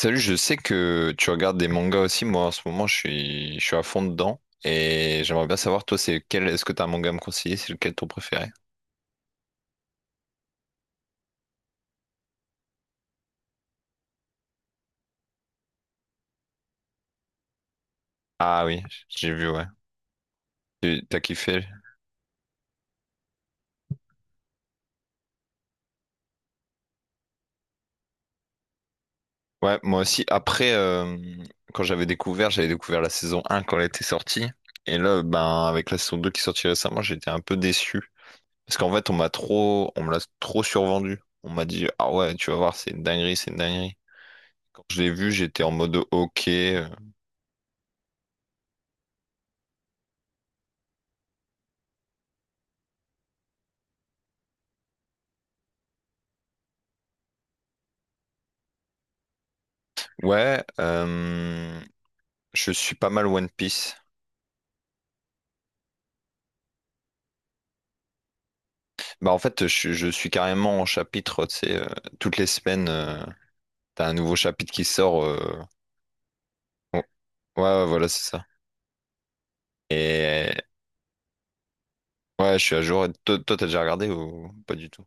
Salut, je sais que tu regardes des mangas aussi. Moi, en ce moment, je suis à fond dedans. Et j'aimerais bien savoir, toi, est-ce que t'as un manga à me conseiller? C'est lequel ton préféré? Ah oui, j'ai vu, ouais. T'as kiffé? Ouais, moi aussi. Après, j'avais découvert la saison un quand elle était sortie. Et là, ben, avec la saison 2 qui est sortie récemment, j'étais un peu déçu. Parce qu'en fait, on me l'a trop survendu. On m'a dit, ah ouais, tu vas voir, c'est une dinguerie, c'est une dinguerie. Quand je l'ai vu, j'étais en mode ok. Ouais, je suis pas mal One Piece. Bah en fait, je suis carrément en chapitre, tu sais, toutes les semaines, t'as un nouveau chapitre qui sort. Bon, ouais, ouais, voilà, c'est ça. Et ouais, je suis à jour. Et toi, toi, t'as déjà regardé ou pas du tout?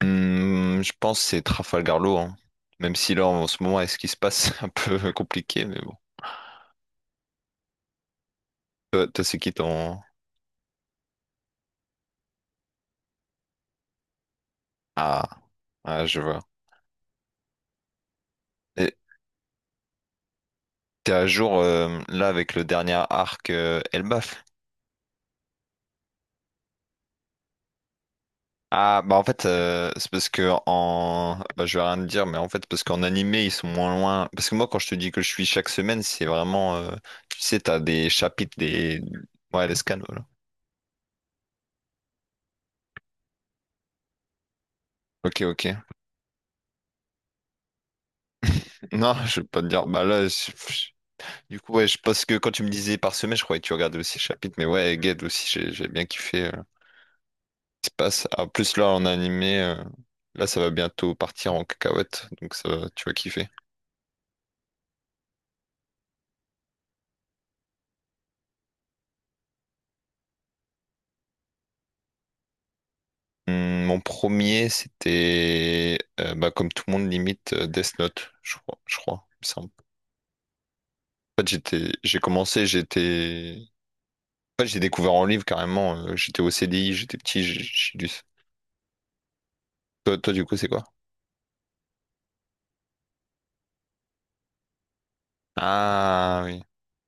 Je pense que c'est Trafalgar Law, hein. Même si là, en ce moment, avec ce qui se passe, c'est un peu compliqué, mais bon. Toi, toi, c'est qui ton... Ah, ah, je vois. Et t'es à jour, là, avec le dernier arc Elbaf, ah bah en fait c'est parce que en bah, je vais rien te dire mais en fait parce qu'en animé ils sont moins loin parce que moi quand je te dis que je suis chaque semaine c'est vraiment tu sais t'as des chapitres des ouais, les scans, voilà. Ok, ok, non, je vais pas te dire. Du coup, ouais, je pense que quand tu me disais par semaine, je croyais que tu regardais aussi les chapitres, mais ouais, Ged aussi, j'ai bien kiffé, ce qui se passe. Ah, en plus là en animé, là ça va bientôt partir en cacahuète, donc tu vas kiffer. Mon premier, c'était bah, comme tout le monde limite Death Note, je crois, il me semble. En fait, j'étais, j'ai commencé, j'étais, en fait, j'ai découvert en livre carrément. J'étais au CDI, j'étais petit, j'ai lu ça. Toi, toi, du coup, c'est quoi? Ah oui,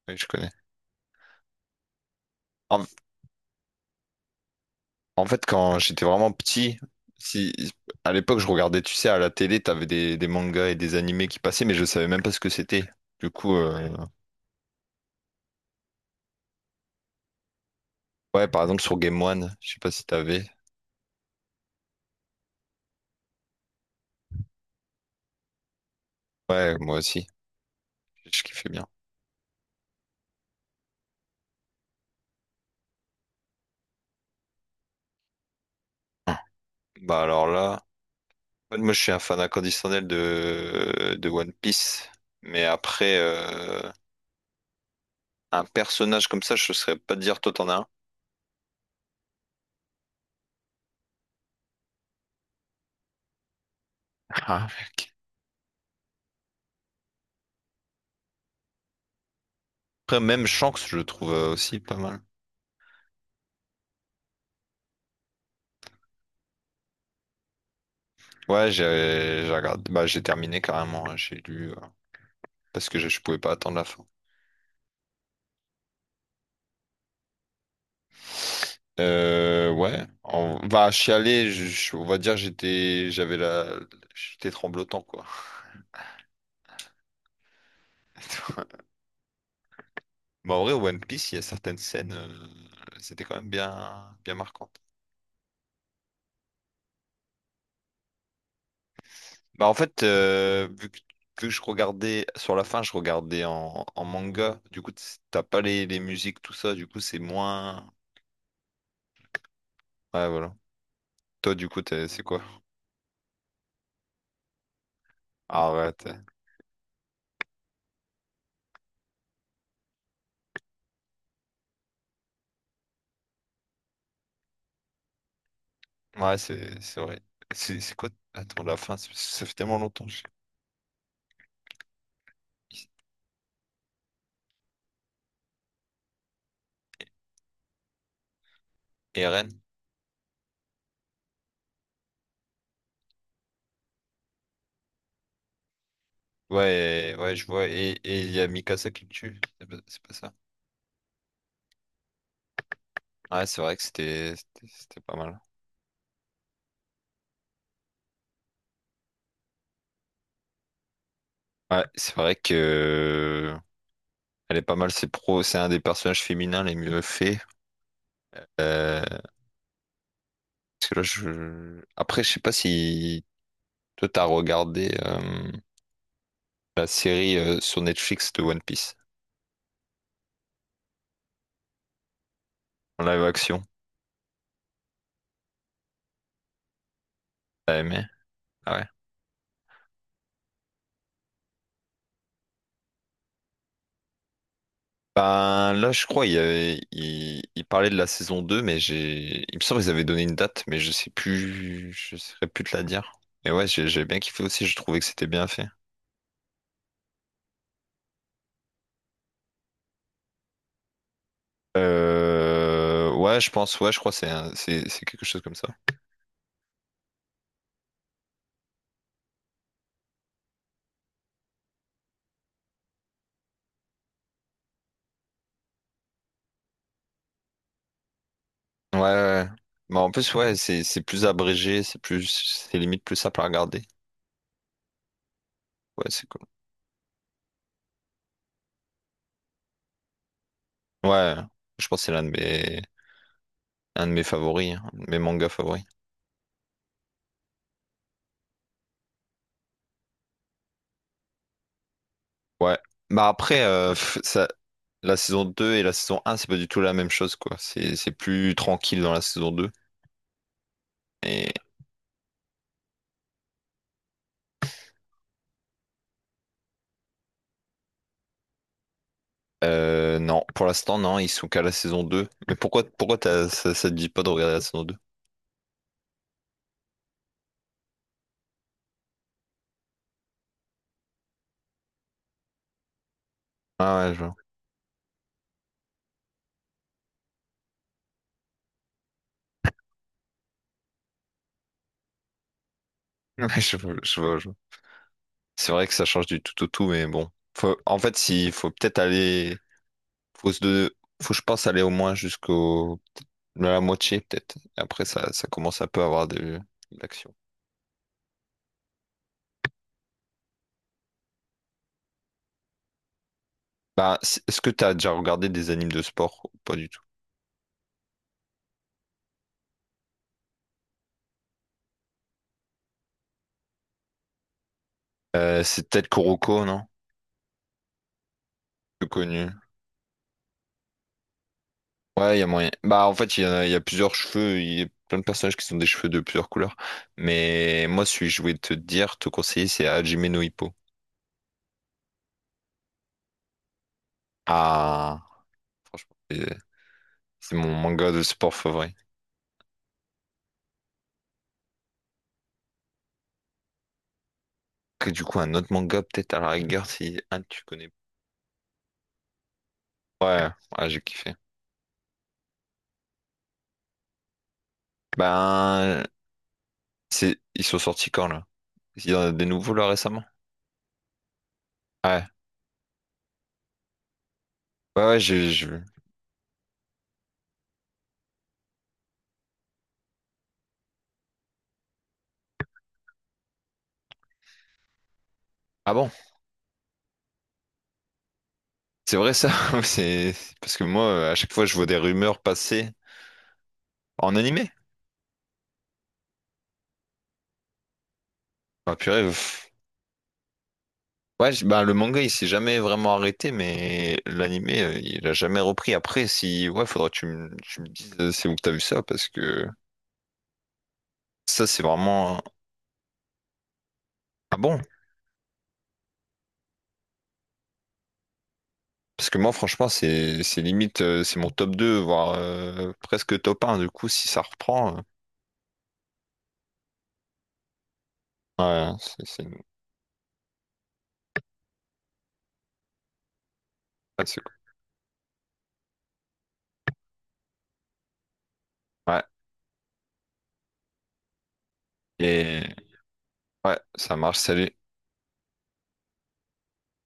oui, je connais. En, en fait, quand j'étais vraiment petit, si à l'époque je regardais, tu sais, à la télé, t'avais des mangas et des animés qui passaient, mais je savais même pas ce que c'était. Du coup, ouais, par exemple sur Game One, je sais pas si t'avais. Ouais, moi aussi, je kiffais bien. Bah alors là, en fait, moi je suis un fan inconditionnel de One Piece, mais après, un personnage comme ça, je saurais pas te dire, toi t'en as un. Ah, mec. Après même Shanks, je le trouve, aussi pas mal. Ouais, j'ai regardé, bah j'ai terminé carrément, hein, j'ai lu, parce que je pouvais pas attendre la fin. Ouais, on va chialer, on va dire j'étais, j'étais tremblotant quoi. Bah en vrai, One Piece, il y a certaines scènes, c'était quand même bien bien marquant. Bah en fait, vu que je regardais sur la fin, je regardais en, manga. Du coup, t'as pas les musiques, tout ça. Du coup, c'est moins. Ouais, voilà. Toi, du coup, c'est quoi? Arrête. Ouais, c'est vrai. C'est quoi? Attends, la fin, ça fait tellement longtemps. Je... Eren? Ouais, ouais, je vois. Et il y a Mikasa qui le tue. C'est pas ça. Ouais, c'est vrai que c'était pas mal. Ouais, c'est vrai que elle est pas mal. C'est pro. C'est un des personnages féminins les mieux faits. Euh, Parce que là, je... Après, je sais pas si toi, t'as regardé, la série, sur Netflix, de One Piece, en live action. T'as aimé? Ah ouais. Ben là, je crois, il parlait de la saison 2, mais j'ai... Il me semble qu'ils avaient donné une date, mais je sais plus... Je saurais plus te la dire. Mais ouais, j'ai bien kiffé aussi, je trouvais que c'était bien fait. Ouais, je pense, ouais, je crois que c'est quelque chose comme ça. Ouais, ouais, ouais. Mais en plus, ouais, c'est plus abrégé, c'est plus... C'est limite plus simple à regarder. Ouais, c'est cool. Ouais, je pense que c'est l'un un de mes favoris, hein, un de mes mangas favoris. Ouais. Bah après, la saison 2 et la saison un, c'est pas du tout la même chose, quoi. C'est plus tranquille dans la saison 2. Et non, pour l'instant, non, ils sont qu'à la saison 2. Mais pourquoi ça, ça te dit pas de regarder la saison deux? Ah ouais, je vois. Je vois, je vois, je vois. C'est vrai que ça change du tout au tout, mais bon. En fait, il faut peut-être aller. Faut, se de- Faut, je pense, aller au moins jusqu'au... La moitié, peut-être. Et après, ça commence un peu à avoir de l'action. Est-ce que t'as déjà regardé des animes de sport, ou pas du tout? C'est peut-être Kuroko, non? Plus connu. Ouais, il y a moyen. Bah, en fait, il y a plusieurs cheveux. Il y a plein de personnages qui sont des cheveux de plusieurs couleurs. Mais moi, celui que je voulais te dire, te conseiller, c'est Hajime no Ippo. Ah, franchement, c'est mon manga de sport favori. Que du coup, un autre manga, peut-être à la rigueur, si un tu connais pas. Ouais, ouais, j'ai kiffé. Ben, ils sont sortis quand là? Il y en a des nouveaux là récemment? Ouais. Ouais, ouais, ah bon? C'est vrai ça? C'est... Parce que moi, à chaque fois, je vois des rumeurs passer en animé. Ah purée. Pff. Ouais, bah, le manga, il s'est jamais vraiment arrêté, mais l'animé, il a jamais repris. Après, si... Ouais, faudra que tu me dises, c'est où que t'as vu ça, parce que ça, c'est vraiment... Ah bon? Parce que moi, franchement, c'est limite, c'est mon top deux, voire presque top un. Du coup, si ça reprend... Ouais, ouais, c'est cool. Ouais. Et ouais, ça marche. Salut.